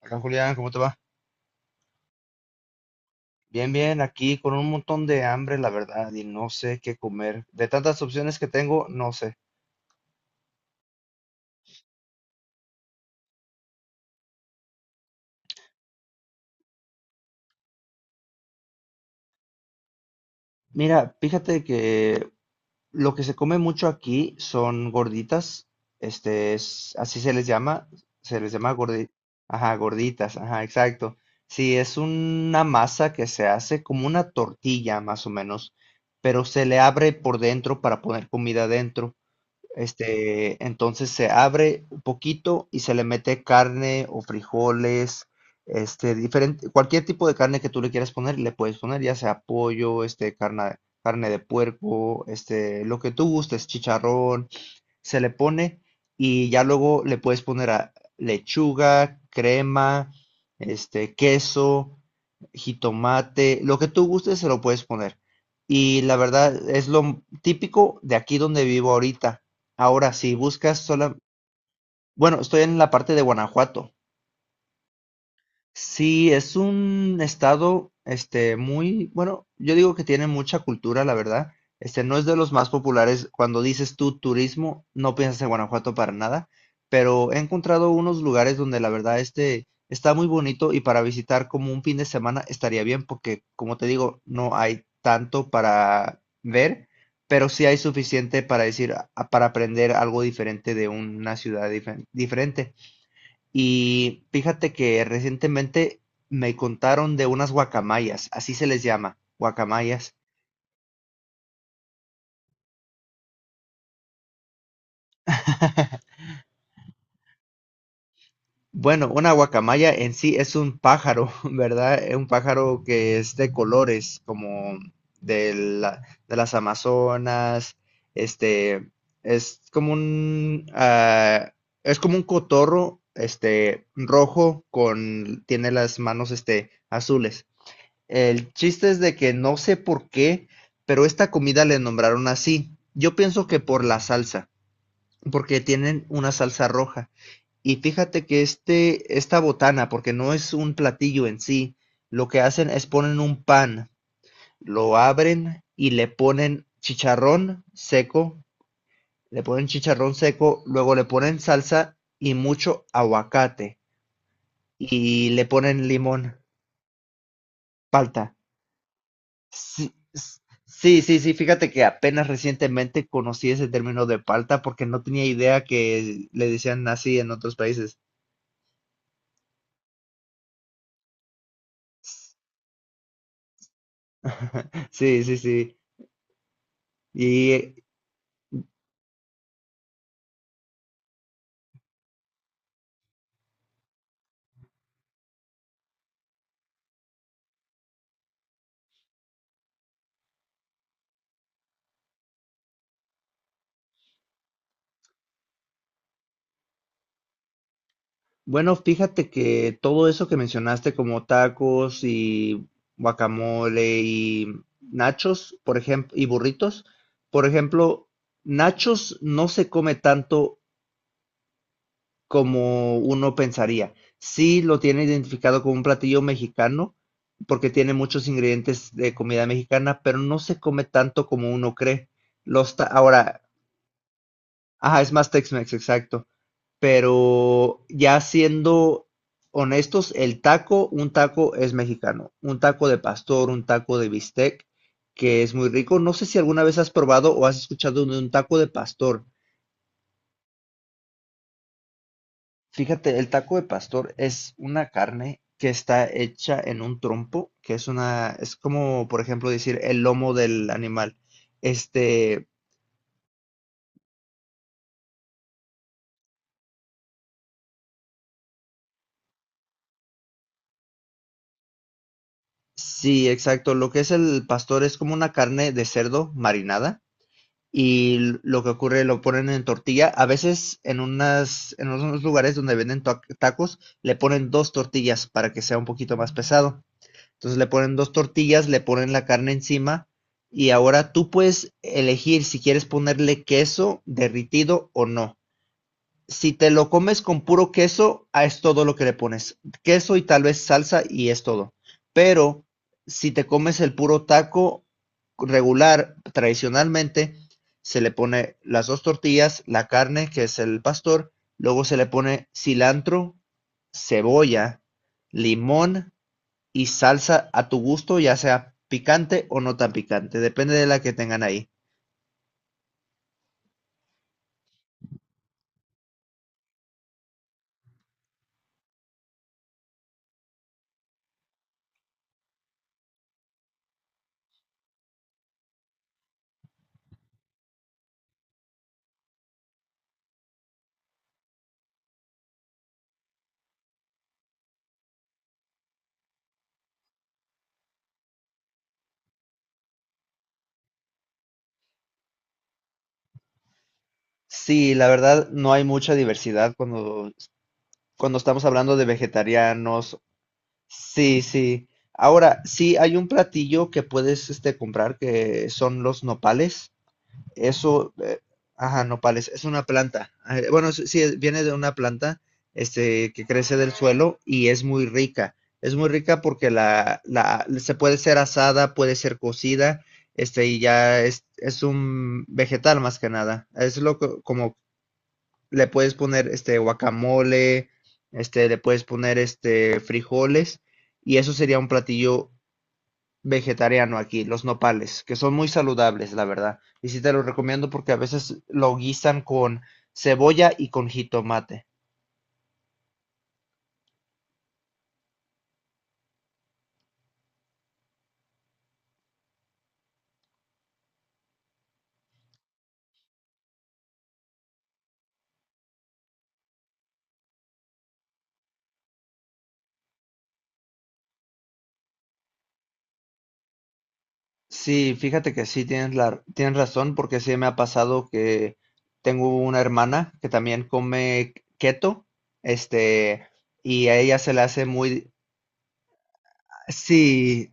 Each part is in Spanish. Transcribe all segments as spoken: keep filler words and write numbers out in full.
Acá Julián, ¿cómo te va? Bien, bien, aquí con un montón de hambre, la verdad, y no sé qué comer. De tantas opciones que tengo, no sé. Mira, fíjate que lo que se come mucho aquí son gorditas, este es, así se les llama, se les llama gordi. Ajá, gorditas, ajá, exacto. Sí, es una masa que se hace como una tortilla, más o menos, pero se le abre por dentro para poner comida dentro. Este, entonces se abre un poquito y se le mete carne o frijoles, este, diferente, cualquier tipo de carne que tú le quieras poner, le puedes poner, ya sea pollo, este, carne, carne de puerco, este, lo que tú gustes, chicharrón, se le pone y ya luego le puedes poner a lechuga, crema, este, queso, jitomate, lo que tú gustes se lo puedes poner. Y la verdad es lo típico de aquí donde vivo ahorita. Ahora, si buscas sola, bueno, estoy en la parte de Guanajuato. Sí, es un estado, este, muy, bueno, yo digo que tiene mucha cultura, la verdad. Este, no es de los más populares. Cuando dices tú turismo, no piensas en Guanajuato para nada, pero he encontrado unos lugares donde la verdad, este, está muy bonito y para visitar como un fin de semana estaría bien porque, como te digo, no hay tanto para ver, pero sí hay suficiente para decir, a- para aprender algo diferente de una ciudad dife- diferente. Y fíjate que recientemente me contaron de unas guacamayas, así se les llama, guacamayas. Bueno, una guacamaya en sí es un pájaro, ¿verdad? Es un pájaro que es de colores, como de la- de las Amazonas, este, es como un, ah, es como un cotorro, este, rojo con, tiene las manos, este, azules. El chiste es de que no sé por qué, pero esta comida le nombraron así. Yo pienso que por la salsa, porque tienen una salsa roja. Y fíjate que este, esta botana, porque no es un platillo en sí, lo que hacen es ponen un pan, lo abren y le ponen chicharrón seco, le ponen chicharrón seco, luego le ponen salsa y mucho aguacate y le ponen limón, palta. Sí, s- sí, sí, sí, fíjate que apenas recientemente conocí ese término de palta porque no tenía idea que le decían así en otros países. Sí, sí, sí. Y eh, bueno, fíjate que todo eso que mencionaste como tacos y guacamole y nachos, por ejemplo, y burritos, por ejemplo, nachos no se come tanto como uno pensaría. Sí lo tiene identificado como un platillo mexicano, porque tiene muchos ingredientes de comida mexicana, pero no se come tanto como uno cree. Los ta- Ahora, ajá, es más Tex-Mex, exacto. Pero ya siendo honestos, el taco, un taco es mexicano. Un taco de pastor, un taco de bistec, que es muy rico. No sé si alguna vez has probado o has escuchado de un taco de pastor. Fíjate, el taco de pastor es una carne que está hecha en un trompo, que es una, es como, por ejemplo, decir el lomo del animal. Este, sí, exacto. Lo que es el pastor es como una carne de cerdo marinada y l- lo que ocurre lo ponen en tortilla. A veces en unas, en unos lugares donde venden ta- tacos le ponen dos tortillas para que sea un poquito más pesado. Entonces le ponen dos tortillas, le ponen la carne encima y ahora tú puedes elegir si quieres ponerle queso derritido o no. Si te lo comes con puro queso, ah, es todo lo que le pones. Queso y tal vez salsa y es todo. Pero si te comes el puro taco regular, tradicionalmente, se le pone las dos tortillas, la carne, que es el pastor, luego se le pone cilantro, cebolla, limón y salsa a tu gusto, ya sea picante o no tan picante, depende de la que tengan ahí. Sí, la verdad no hay mucha diversidad cuando, cuando estamos hablando de vegetarianos. Sí, sí. Ahora, sí hay un platillo que puedes este, comprar que son los nopales. Eso, eh, ajá, nopales, es una planta. Eh, Bueno, sí, sí, es- viene de una planta este, que crece del suelo y es muy rica. Es muy rica porque la, la, se puede ser asada, puede ser cocida, este, y ya es, es un vegetal más que nada. Es lo co- como le puedes poner este guacamole, este, le puedes poner este frijoles, y eso sería un platillo vegetariano aquí, los nopales, que son muy saludables, la verdad. Y sí te los recomiendo porque a veces lo guisan con cebolla y con jitomate. Sí, fíjate que sí tienes la, tienes razón porque sí me ha pasado que tengo una hermana que también come keto, este, y a ella se le hace muy, sí,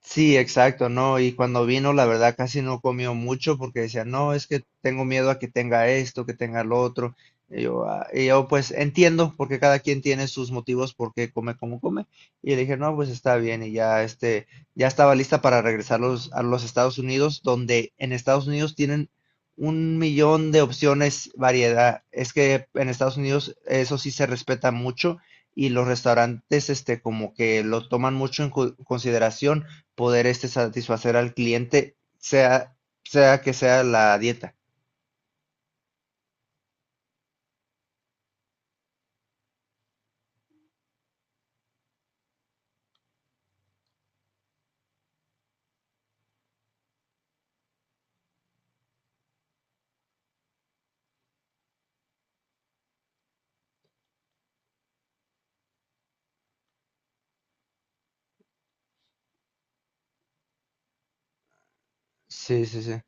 sí, exacto, ¿no? Y cuando vino, la verdad, casi no comió mucho porque decía, no, es que tengo miedo a que tenga esto, que tenga lo otro. Y yo, "Ah", y yo, pues entiendo, porque cada quien tiene sus motivos por qué come como come. Y le dije, no, pues está bien. Y ya, este, ya estaba lista para regresar los- a los Estados Unidos, donde en Estados Unidos tienen un millón de opciones, variedad. Es que en Estados Unidos eso sí se respeta mucho y los restaurantes, este, como que lo toman mucho en cu- consideración poder este satisfacer al cliente, sea, sea que sea la dieta. Sí, sí, sí.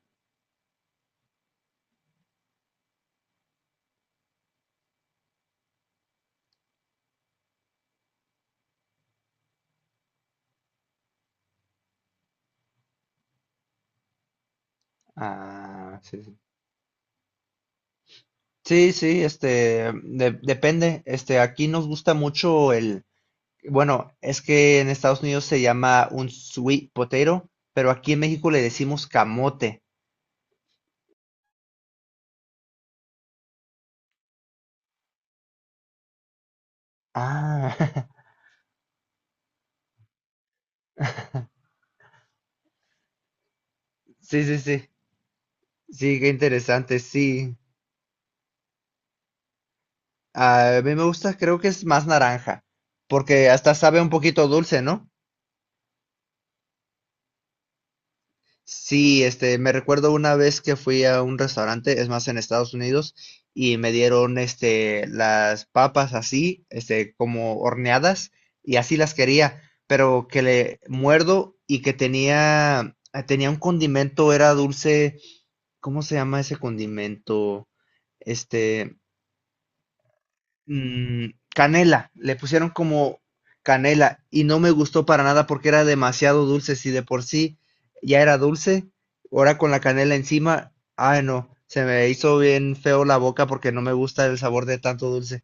Ah, sí, sí. Sí, sí, este, de- depende. Este, aquí nos gusta mucho el, bueno, es que en Estados Unidos se llama un sweet potato, pero aquí en México le decimos camote. Ah, sí, sí, sí. Sí, qué interesante, sí. Ah, a mí me gusta, creo que es más naranja, porque hasta sabe un poquito dulce, ¿no? Sí, este, me recuerdo una vez que fui a un restaurante, es más, en Estados Unidos, y me dieron, este, las papas así, este, como horneadas, y así las quería, pero que le muerdo y que tenía, eh, tenía un condimento, era dulce, ¿cómo se llama ese condimento? Este, mm, canela, le pusieron como canela y no me gustó para nada porque era demasiado dulce, si de por sí ya era dulce, ahora con la canela encima, ay no, se me hizo bien feo la boca porque no me gusta el sabor de tanto dulce.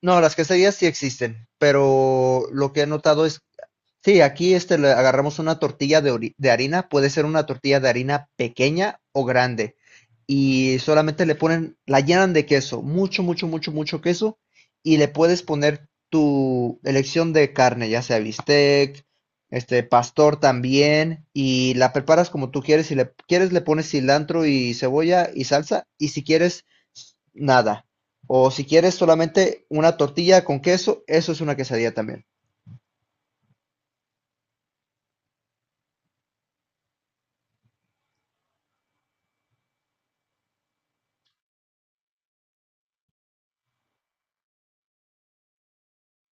No, las quesadillas sí existen, pero lo que he notado es, sí, aquí este le agarramos una tortilla de, ori- de harina, puede ser una tortilla de harina pequeña o grande, y solamente le ponen, la llenan de queso, mucho, mucho, mucho, mucho queso, y le puedes poner tu elección de carne, ya sea bistec, este pastor también, y la preparas como tú quieres, si le quieres le pones cilantro y cebolla y salsa, y si quieres nada. O si quieres solamente una tortilla con queso, eso es una quesadilla también.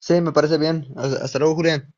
Sí, me parece bien. Hasta hasta luego, Julián.